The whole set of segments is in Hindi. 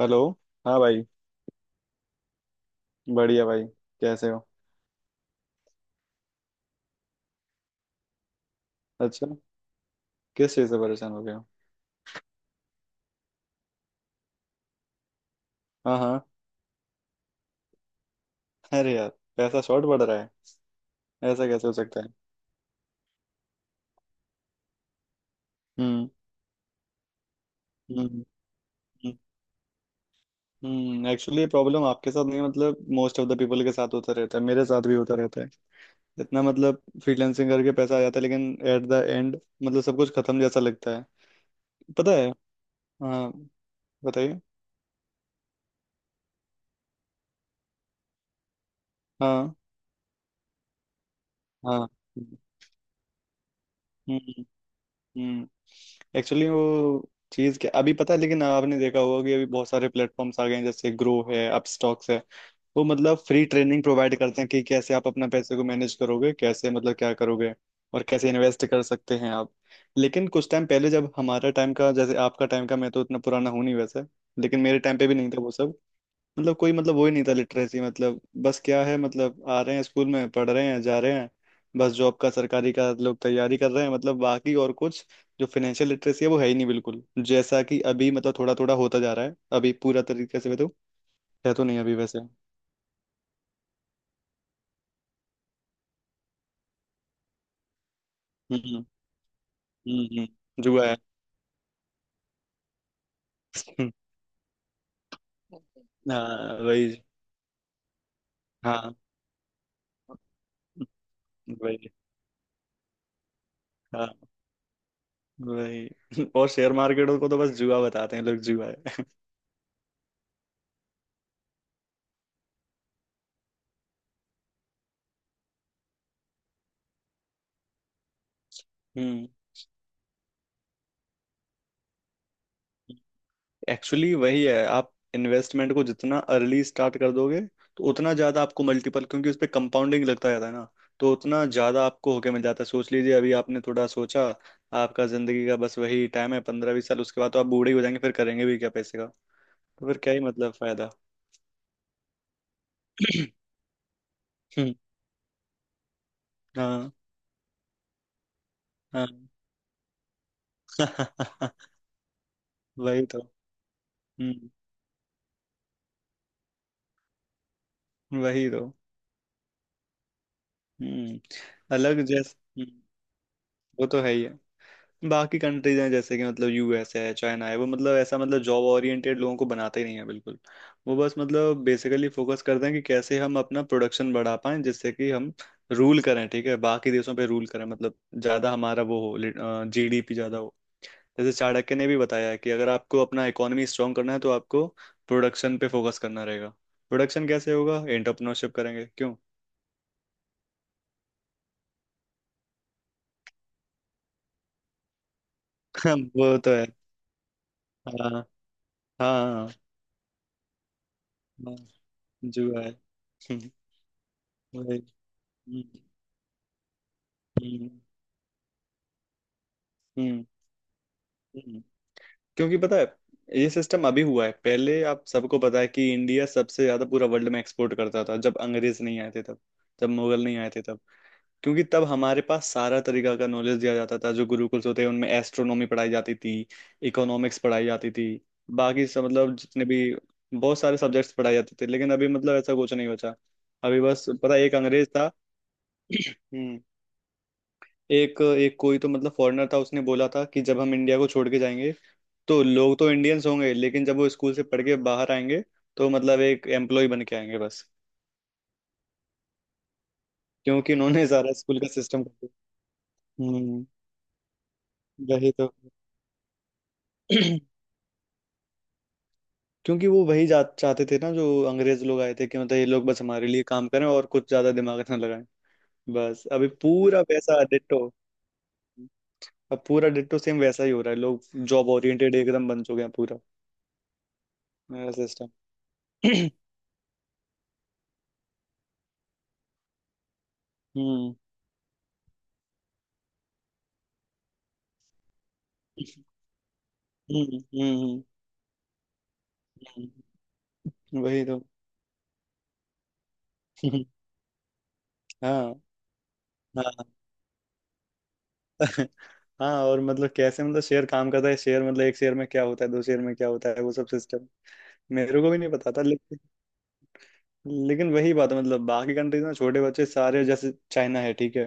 हेलो। हाँ भाई, बढ़िया भाई। कैसे हो? अच्छा, किस चीज़ से परेशान हो गया हो? हाँ हाँ, अरे यार, पैसा शॉर्ट पड़ रहा है? ऐसा कैसे हो सकता है? हम्म। हम्म। हम्म, एक्चुअली ये प्रॉब्लम आपके साथ नहीं है, मतलब मोस्ट ऑफ द पीपल के साथ होता रहता है, मेरे साथ भी होता रहता है। इतना मतलब फ्रीलांसिंग करके पैसा आ जाता है, लेकिन एट द एंड मतलब सब कुछ खत्म जैसा लगता है। पता है। हाँ, बताइए। हाँ हाँ। हम्म, हम्म। हम्म, एक्चुअली वो चीज क्या, अभी पता है, लेकिन आपने देखा होगा कि अभी बहुत सारे प्लेटफॉर्म्स आ गए हैं, जैसे ग्रो है, अपस्टॉक्स है। वो मतलब फ्री ट्रेनिंग प्रोवाइड करते हैं कि कैसे आप अपना पैसे को मैनेज करोगे, कैसे मतलब क्या करोगे, और कैसे इन्वेस्ट कर सकते हैं आप। लेकिन कुछ टाइम पहले, जब हमारा टाइम का जैसे, आपका टाइम का, मैं तो इतना पुराना हूँ नहीं वैसे, लेकिन मेरे टाइम पे भी नहीं था वो सब। मतलब कोई मतलब वो ही नहीं था लिटरेसी, मतलब बस क्या है मतलब आ रहे हैं स्कूल में, पढ़ रहे हैं, जा रहे हैं। बस जॉब का, सरकारी का लोग तैयारी कर रहे हैं, मतलब बाकी और कुछ। जो फाइनेंशियल लिटरेसी है वो है ही नहीं बिल्कुल, जैसा कि अभी मतलब थोड़ा थोड़ा होता जा रहा है, अभी पूरा तरीके से तो है तो नहीं अभी वैसे। हम्म। हम्म। हम्म, जुआ है। हम्म, हाँ वही। हाँ वही। हाँ वही। और शेयर मार्केट को तो बस जुआ बताते हैं लोग, जुआ है। हम्म, एक्चुअली वही है, आप इन्वेस्टमेंट को जितना अर्ली स्टार्ट कर दोगे, तो उतना ज्यादा आपको मल्टीपल, क्योंकि उस पे कंपाउंडिंग लगता जाता है ना। तो उतना ज्यादा आपको होके मिल जाता है। सोच लीजिए, अभी आपने थोड़ा सोचा, आपका जिंदगी का बस वही टाइम है, 15-20 साल। उसके बाद तो आप बूढ़े ही हो जाएंगे, फिर करेंगे भी क्या पैसे का? तो फिर क्या ही मतलब फायदा। हम्म, हाँ। हाँ। वही तो। हम्म, वही तो। हम्म, अलग जैसे। हम्म, वो तो है ही है। बाकी कंट्रीज हैं जैसे कि, मतलब यूएस है, चाइना है, वो मतलब ऐसा मतलब जॉब ओरिएंटेड लोगों को बनाते ही नहीं है बिल्कुल। वो बस मतलब बेसिकली फोकस करते हैं कि कैसे हम अपना प्रोडक्शन बढ़ा पाएं, जिससे कि हम रूल करें। ठीक है, बाकी देशों पे रूल करें, मतलब ज़्यादा हमारा वो हो, जीडीपी ज़्यादा हो। जैसे चाणक्य ने भी बताया है कि अगर आपको अपना इकोनॉमी स्ट्रांग करना है, तो आपको प्रोडक्शन पे फोकस करना रहेगा। प्रोडक्शन कैसे होगा? एंटरप्रेन्योरशिप करेंगे, क्यों। वो तो है। हाँ। हाँ। हाँ, जुआ है। वही। हम्म, हम्म, हम्म। हम्म। क्योंकि पता है, ये सिस्टम अभी हुआ है, पहले आप सबको पता है कि इंडिया सबसे ज्यादा पूरा वर्ल्ड में एक्सपोर्ट करता था, जब अंग्रेज नहीं आए थे तब, जब मुगल नहीं आए थे तब। क्योंकि तब हमारे पास सारा तरीका का नॉलेज दिया जाता था। जो गुरुकुल्स होते हैं उनमें एस्ट्रोनॉमी पढ़ाई जाती थी, इकोनॉमिक्स पढ़ाई जाती थी, बाकी सब मतलब जितने भी बहुत सारे सब्जेक्ट्स पढ़ाए जाते थे। लेकिन अभी मतलब ऐसा कुछ नहीं बचा। अभी बस पता है, एक अंग्रेज था। हम्म। एक एक कोई तो, मतलब फॉरेनर था, उसने बोला था कि जब हम इंडिया को छोड़ के जाएंगे, तो लोग तो इंडियंस होंगे, लेकिन जब वो स्कूल से पढ़ के बाहर आएंगे, तो मतलब एक एम्प्लॉय बन के आएंगे बस। क्योंकि उन्होंने सारा स्कूल का सिस्टम कर दिया। हम्म, वही तो। क्योंकि वो वही चाहते थे ना, जो अंग्रेज लोग आए थे, कि मतलब ये लोग बस हमारे लिए काम करें और कुछ ज्यादा दिमाग ना लगाएं। बस अभी पूरा वैसा डिट्टो। अब पूरा डिट्टो सेम वैसा ही हो रहा है, लोग जॉब ओरिएंटेड एकदम बन चुके हैं पूरा। मेरा सिस्टम। हम्म। हम्म। हम्म। हम्म, वही तो। हाँ। हाँ। हाँ, और मतलब कैसे, मतलब शेयर काम करता है, शेयर मतलब एक शेयर में क्या होता है, दो शेयर में क्या होता है, वो सब सिस्टम मेरे को भी नहीं पता था। लेकिन लेकिन वही बात है, मतलब बाकी कंट्रीज में छोटे बच्चे सारे, जैसे चाइना है, ठीक है,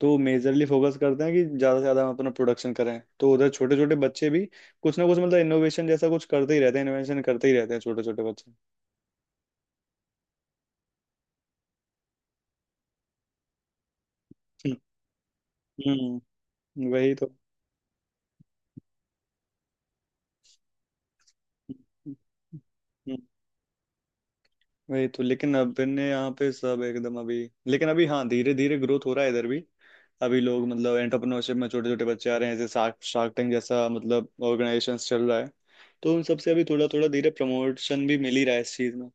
तो मेजरली फोकस करते हैं कि ज़्यादा से ज़्यादा हम अपना प्रोडक्शन करें। तो उधर छोटे छोटे बच्चे भी कुछ ना कुछ मतलब इनोवेशन जैसा कुछ करते ही रहते हैं, इनोवेशन करते ही रहते हैं छोटे छोटे बच्चे। हम्म, वही तो। हम्म, वही तो। लेकिन अब ने यहाँ पे सब एकदम अभी, लेकिन अभी हाँ धीरे धीरे ग्रोथ हो रहा है इधर भी। अभी लोग मतलब एंटरप्रेन्योरशिप में छोटे छोटे बच्चे आ रहे हैं। जैसे शार्क शार्क टैंक जैसा मतलब ऑर्गेनाइजेशन चल रहा है, तो उन सबसे अभी थोड़ा थोड़ा धीरे प्रमोशन भी मिल ही रहा है इस चीज में।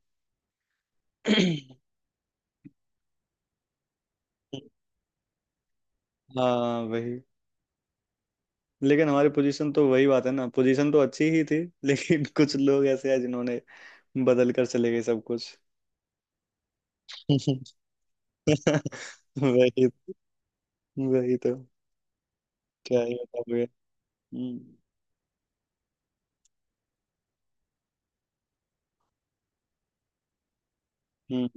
हाँ वही। लेकिन हमारी पोजीशन तो वही बात है ना, पोजीशन तो अच्छी ही थी, लेकिन कुछ लोग ऐसे हैं जिन्होंने बदल कर चले गए सब कुछ। वही। वही तो। क्या ही बताओगे। हम्म। हम्म।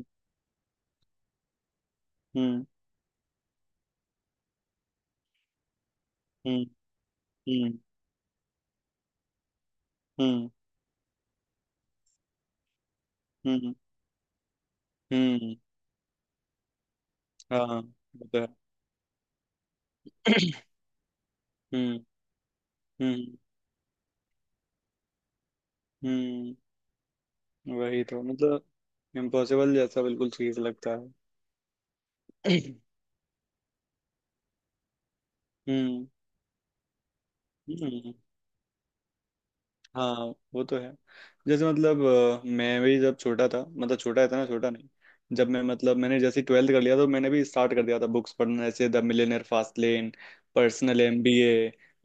हम्म। हम्म। हम्म। हम्म। हम्म। हम्म, हाँ वो तो है। हम्म। हम्म। हम्म, वही तो मतलब इम्पॉसिबल जैसा बिल्कुल चीज लगता है। हम्म। हम्म, हाँ वो तो है। जैसे मतलब, अ, मैं भी जब छोटा था, मतलब छोटा था ना, छोटा नहीं, जब मैं मतलब मैंने जैसे ट्वेल्थ कर लिया, तो मैंने भी स्टार्ट कर दिया था बुक्स पढ़ना, जैसे the Millionaire Fastlane, Personal MBA,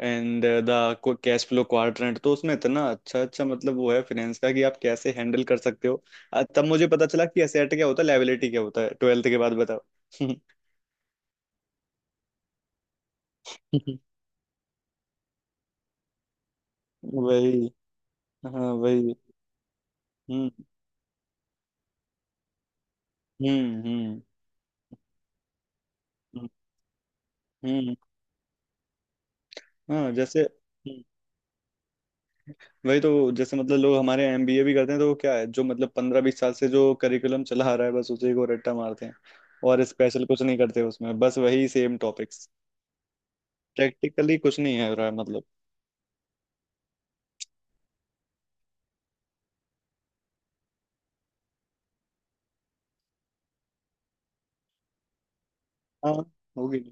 and the Cashflow Quadrant, तो उसमें इतना अच्छा अच्छा मतलब वो है फाइनेंस का कि आप कैसे हैंडल कर सकते हो। अ, तब मुझे पता चला कि एसेट क्या होता है, लायबिलिटी क्या होता है, ट्वेल्थ के बाद बताओ। वही। हाँ वही। हम्म। हम्म। हम्म। हम्म, हम्म, हाँ जैसे। वही तो, जैसे मतलब लोग हमारे एमबीए भी करते हैं, तो वो क्या है जो मतलब 15-20 साल से जो करिकुलम चला आ रहा है, बस उसी को रट्टा मारते हैं। और स्पेशल कुछ नहीं करते उसमें, बस वही सेम टॉपिक्स। प्रैक्टिकली कुछ नहीं है रहा मतलब। हाँ। होगी।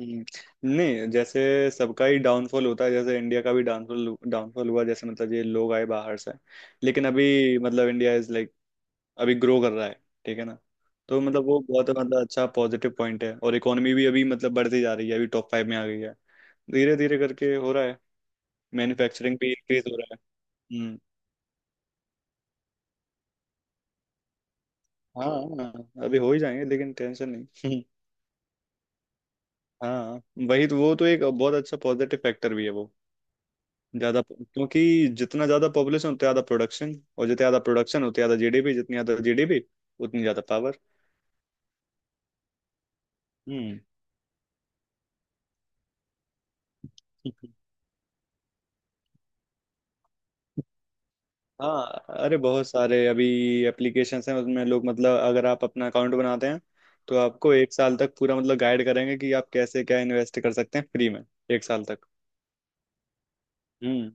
नहीं नहीं जैसे सबका ही डाउनफॉल होता है, जैसे इंडिया का भी डाउनफॉल डाउनफॉल हुआ, जैसे मतलब ये लोग आए बाहर से। लेकिन अभी मतलब इंडिया इज लाइक अभी ग्रो कर रहा है, ठीक है ना। तो मतलब वो बहुत मतलब अच्छा पॉजिटिव पॉइंट है, और इकोनॉमी भी अभी मतलब बढ़ती जा रही है, अभी टॉप 5 में आ गई है, धीरे धीरे करके हो रहा है। मैन्युफैक्चरिंग भी इंक्रीज हो रहा है। हम्म। हाँ। हाँ, अभी हो ही जाएंगे, लेकिन टेंशन नहीं। हाँ, वही तो, वो तो एक बहुत अच्छा पॉजिटिव फैक्टर भी है वो, ज्यादा, क्योंकि जितना ज्यादा पॉपुलेशन उतना ज्यादा प्रोडक्शन, और जितना ज्यादा प्रोडक्शन उतना ज्यादा जीडीपी, जितनी ज्यादा जीडीपी उतनी ज्यादा पावर। हम्म। हाँ, अरे बहुत सारे अभी एप्लीकेशंस हैं उसमें, लोग मतलब अगर आप अपना अकाउंट बनाते हैं, तो आपको एक साल तक पूरा मतलब गाइड करेंगे कि आप कैसे क्या इन्वेस्ट कर सकते हैं, फ्री में, एक साल तक। हम्म।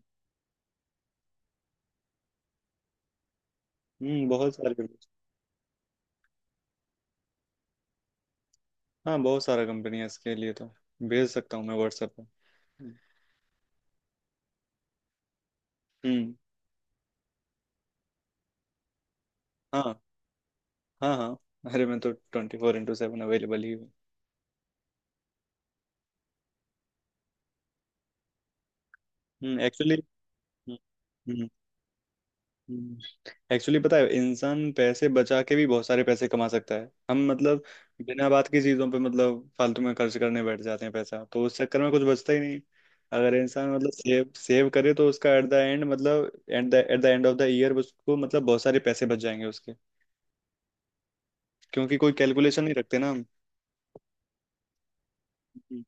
हम्म, बहुत सारे। हाँ, बहुत सारा कंपनी है इसके लिए तो, भेज सकता हूँ मैं व्हाट्सएप पे। हम्म। हाँ। हाँ हाँ, अरे मैं तो 24/7 अवेलेबल ही हूँ। हम्म, एक्चुअली, एक्चुअली पता है, इंसान पैसे बचा के भी बहुत सारे पैसे कमा सकता है, हम मतलब बिना बात की चीजों पे मतलब फालतू में खर्च करने बैठ जाते हैं, पैसा तो उस चक्कर में कुछ बचता ही नहीं। अगर इंसान मतलब सेव सेव करे, तो उसका एट द एंड, मतलब at the end of the year उसको मतलब बहुत सारे पैसे बच जाएंगे उसके। क्योंकि कोई कैलकुलेशन नहीं रखते ना हम। हम्म।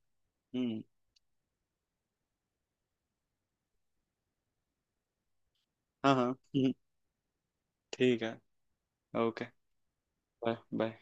हम्म, हाँ। हाँ। ठीक है। ओके। बाय। बाय।